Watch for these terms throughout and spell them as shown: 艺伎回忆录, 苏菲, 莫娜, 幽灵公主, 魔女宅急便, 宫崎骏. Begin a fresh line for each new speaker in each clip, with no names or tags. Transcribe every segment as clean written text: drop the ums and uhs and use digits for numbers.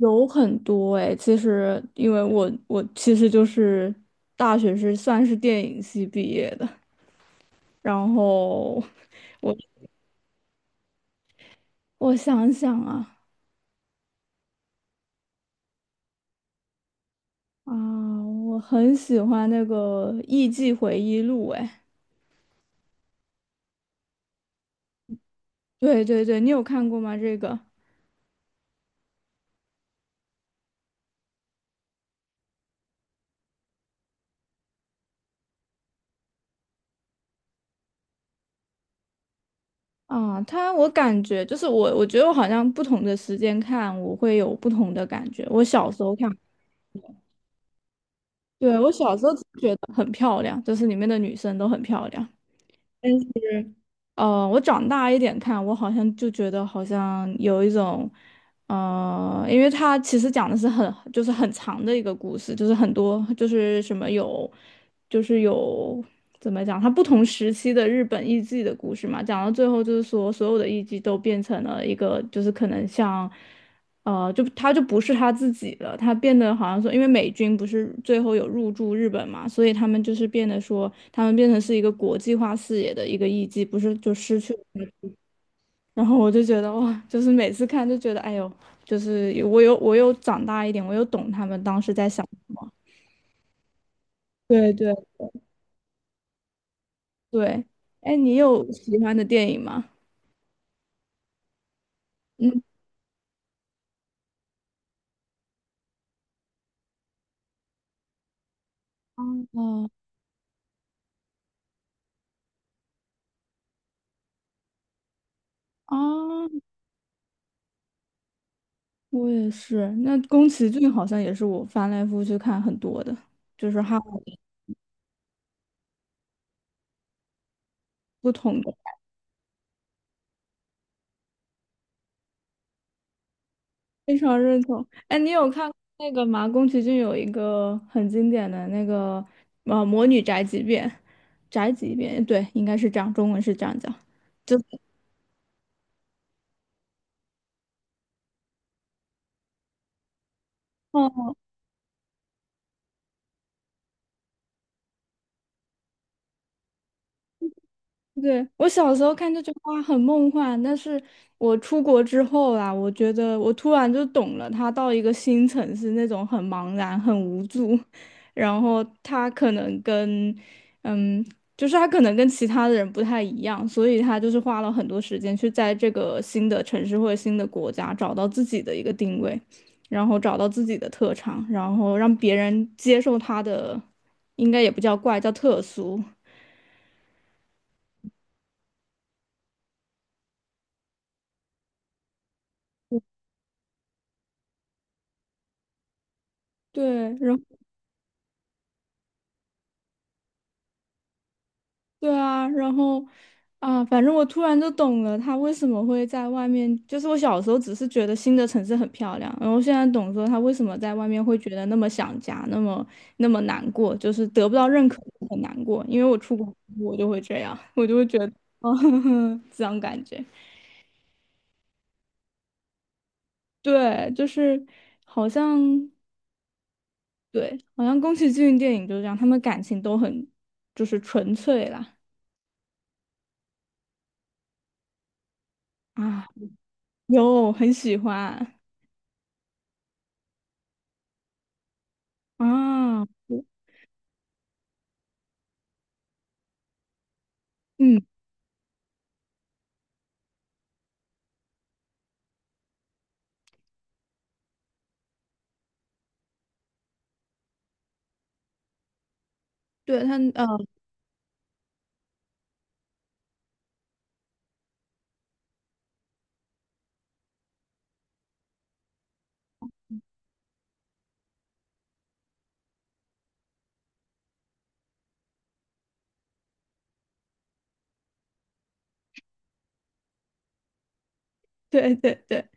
有很多哎，其实因为我其实就是大学是算是电影系毕业的，然后我我想想啊啊，我很喜欢那个《艺伎回忆录》哎，对对对，你有看过吗？这个啊，它我感觉就是我觉得我好像不同的时间看我会有不同的感觉。我小时候看，对，我小时候觉得很漂亮，就是里面的女生都很漂亮。我长大一点看，我好像就觉得好像有一种，因为它其实讲的是很就是很长的一个故事，就是很多就是什么有，就是有怎么讲，它不同时期的日本艺妓的故事嘛，讲到最后就是说所有的艺妓都变成了一个就是可能像。就他就不是他自己了，他变得好像说，因为美军不是最后有入驻日本嘛，所以他们就是变得说，他们变成是一个国际化视野的一个艺伎，不是就失去了。然后我就觉得哇，就是每次看就觉得，哎呦，就是我有长大一点，我有懂他们当时在想什么。对对对，哎，你有喜欢的电影吗？嗯，哦啊，我也是。那宫崎骏好像也是我翻来覆去看很多的，就是哈。不同的。非常认同。哎，你有看那个吗？宫崎骏有一个很经典的那个《魔女宅急便》，宅急便，对，应该是这样，中文是这样讲。就。哦对，我小时候看这句话很梦幻，但是我出国之后啦，我觉得我突然就懂了，他到一个新城市那种很茫然、很无助，然后他可能跟，嗯，就是他可能跟其他的人不太一样，所以他就是花了很多时间去在这个新的城市或者新的国家找到自己的一个定位，然后找到自己的特长，然后让别人接受他的，应该也不叫怪，叫特殊。对，然。对啊，然后啊，反正我突然就懂了，他为什么会在外面。就是我小时候只是觉得新的城市很漂亮，然后现在懂说他为什么在外面会觉得那么想家，那么那么难过，就是得不到认可很难过。因为我出国，我就会这样，我就会觉得，哦，这样感觉。对，就是好像对，好像宫崎骏电影就是这样，他们感情都很就是纯粹啦啊，有很喜欢啊。嗯。对他，嗯，对对对，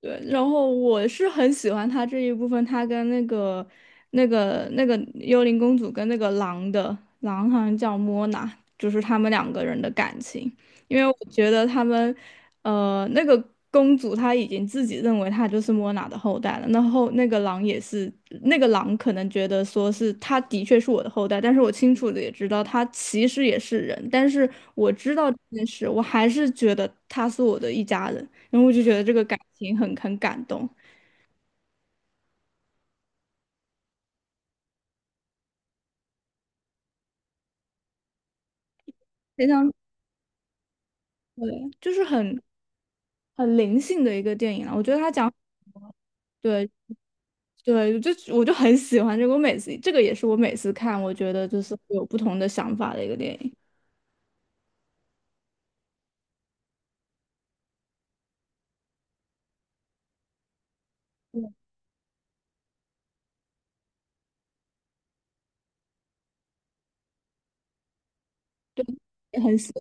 对，然后我是很喜欢他这一部分，他跟那个、那个、那个幽灵公主跟那个狼的狼好像叫莫娜，就是他们两个人的感情，因为我觉得他们，那个公主她已经自己认为她就是莫娜的后代了，然后那个狼也是，那个狼可能觉得说是他的确是我的后代，但是我清楚的也知道他其实也是人，但是我知道这件事，我还是觉得他是我的一家人。然后我就觉得这个感情很感动，非常对，就是很灵性的一个电影了。我觉得他讲对对，就我就很喜欢这个，我每次这个也是我每次看，我觉得就是有不同的想法的一个电影，也很喜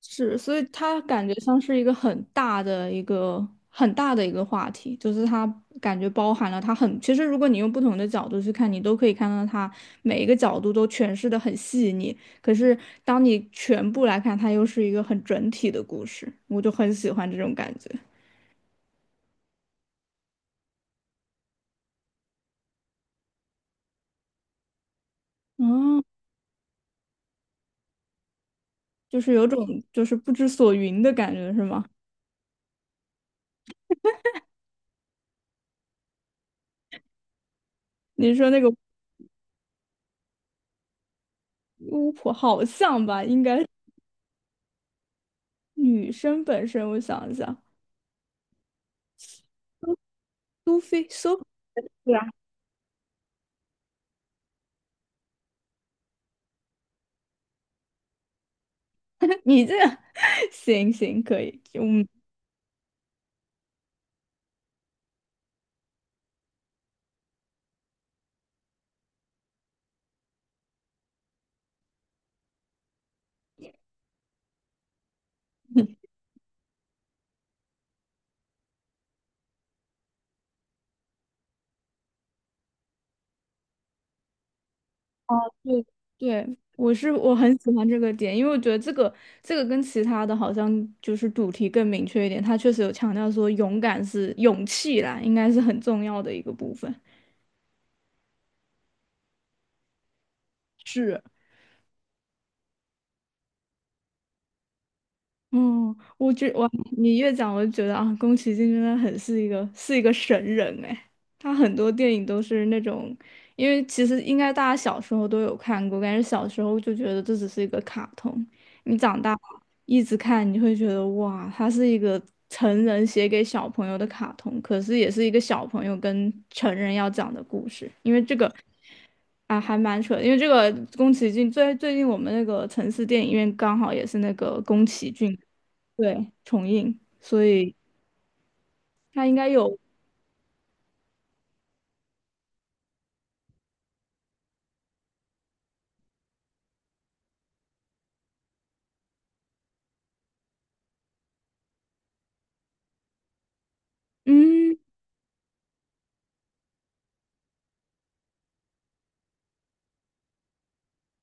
是，所以它感觉像是一个很大的一个很大的一个话题，就是它感觉包含了它很，其实如果你用不同的角度去看，你都可以看到它每一个角度都诠释的很细腻。可是当你全部来看，它又是一个很整体的故事，我就很喜欢这种感觉。嗯，就是有种就是不知所云的感觉，是吗？你说那个巫婆好像吧，应该女生本身，我想一下，苏菲苏。你这个 行行可以，嗯，哦，对对，我是我很喜欢这个点，因为我觉得这个这个跟其他的好像就是主题更明确一点，它确实有强调说勇敢是勇气啦，应该是很重要的一个部分。是。嗯。你越讲，我就觉得啊，宫崎骏真的很是一个是一个神人哎。他很多电影都是那种，因为其实应该大家小时候都有看过，但是小时候就觉得这只是一个卡通，你长大一直看，你会觉得哇，他是一个成人写给小朋友的卡通，可是也是一个小朋友跟成人要讲的故事，因为这个。啊，还蛮扯的因为这个宫崎骏最近我们那个城市电影院刚好也是那个宫崎骏对重映，所以。他应该有，嗯，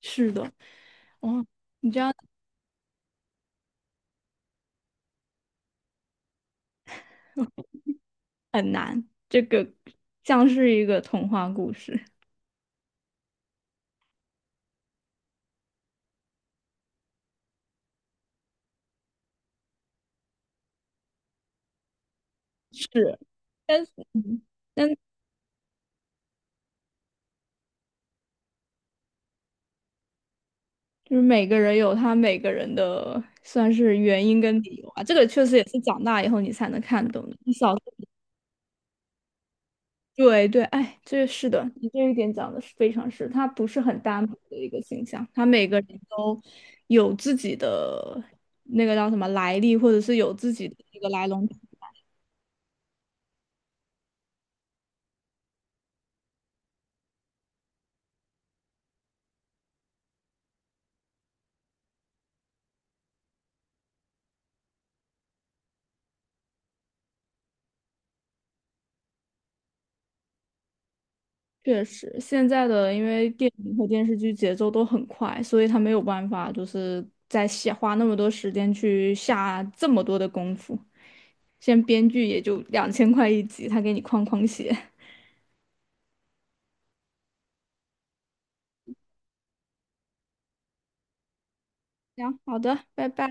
是的，哦，你这样很难，这个像是一个童话故事，是，但是，嗯但就是每个人有他每个人的算是原因跟理由啊，这个确实也是长大以后你才能看懂的，你小时候，对对，哎，这是的，你这一点讲的是非常是，他不是很单薄的一个形象，他每个人都有自己的那个叫什么来历，或者是有自己的一个来龙。确实，现在的因为电影和电视剧节奏都很快，所以他没有办法就是再写花那么多时间去下这么多的功夫。现在编剧也就2000块一集，他给你框框写。行，好的，拜拜。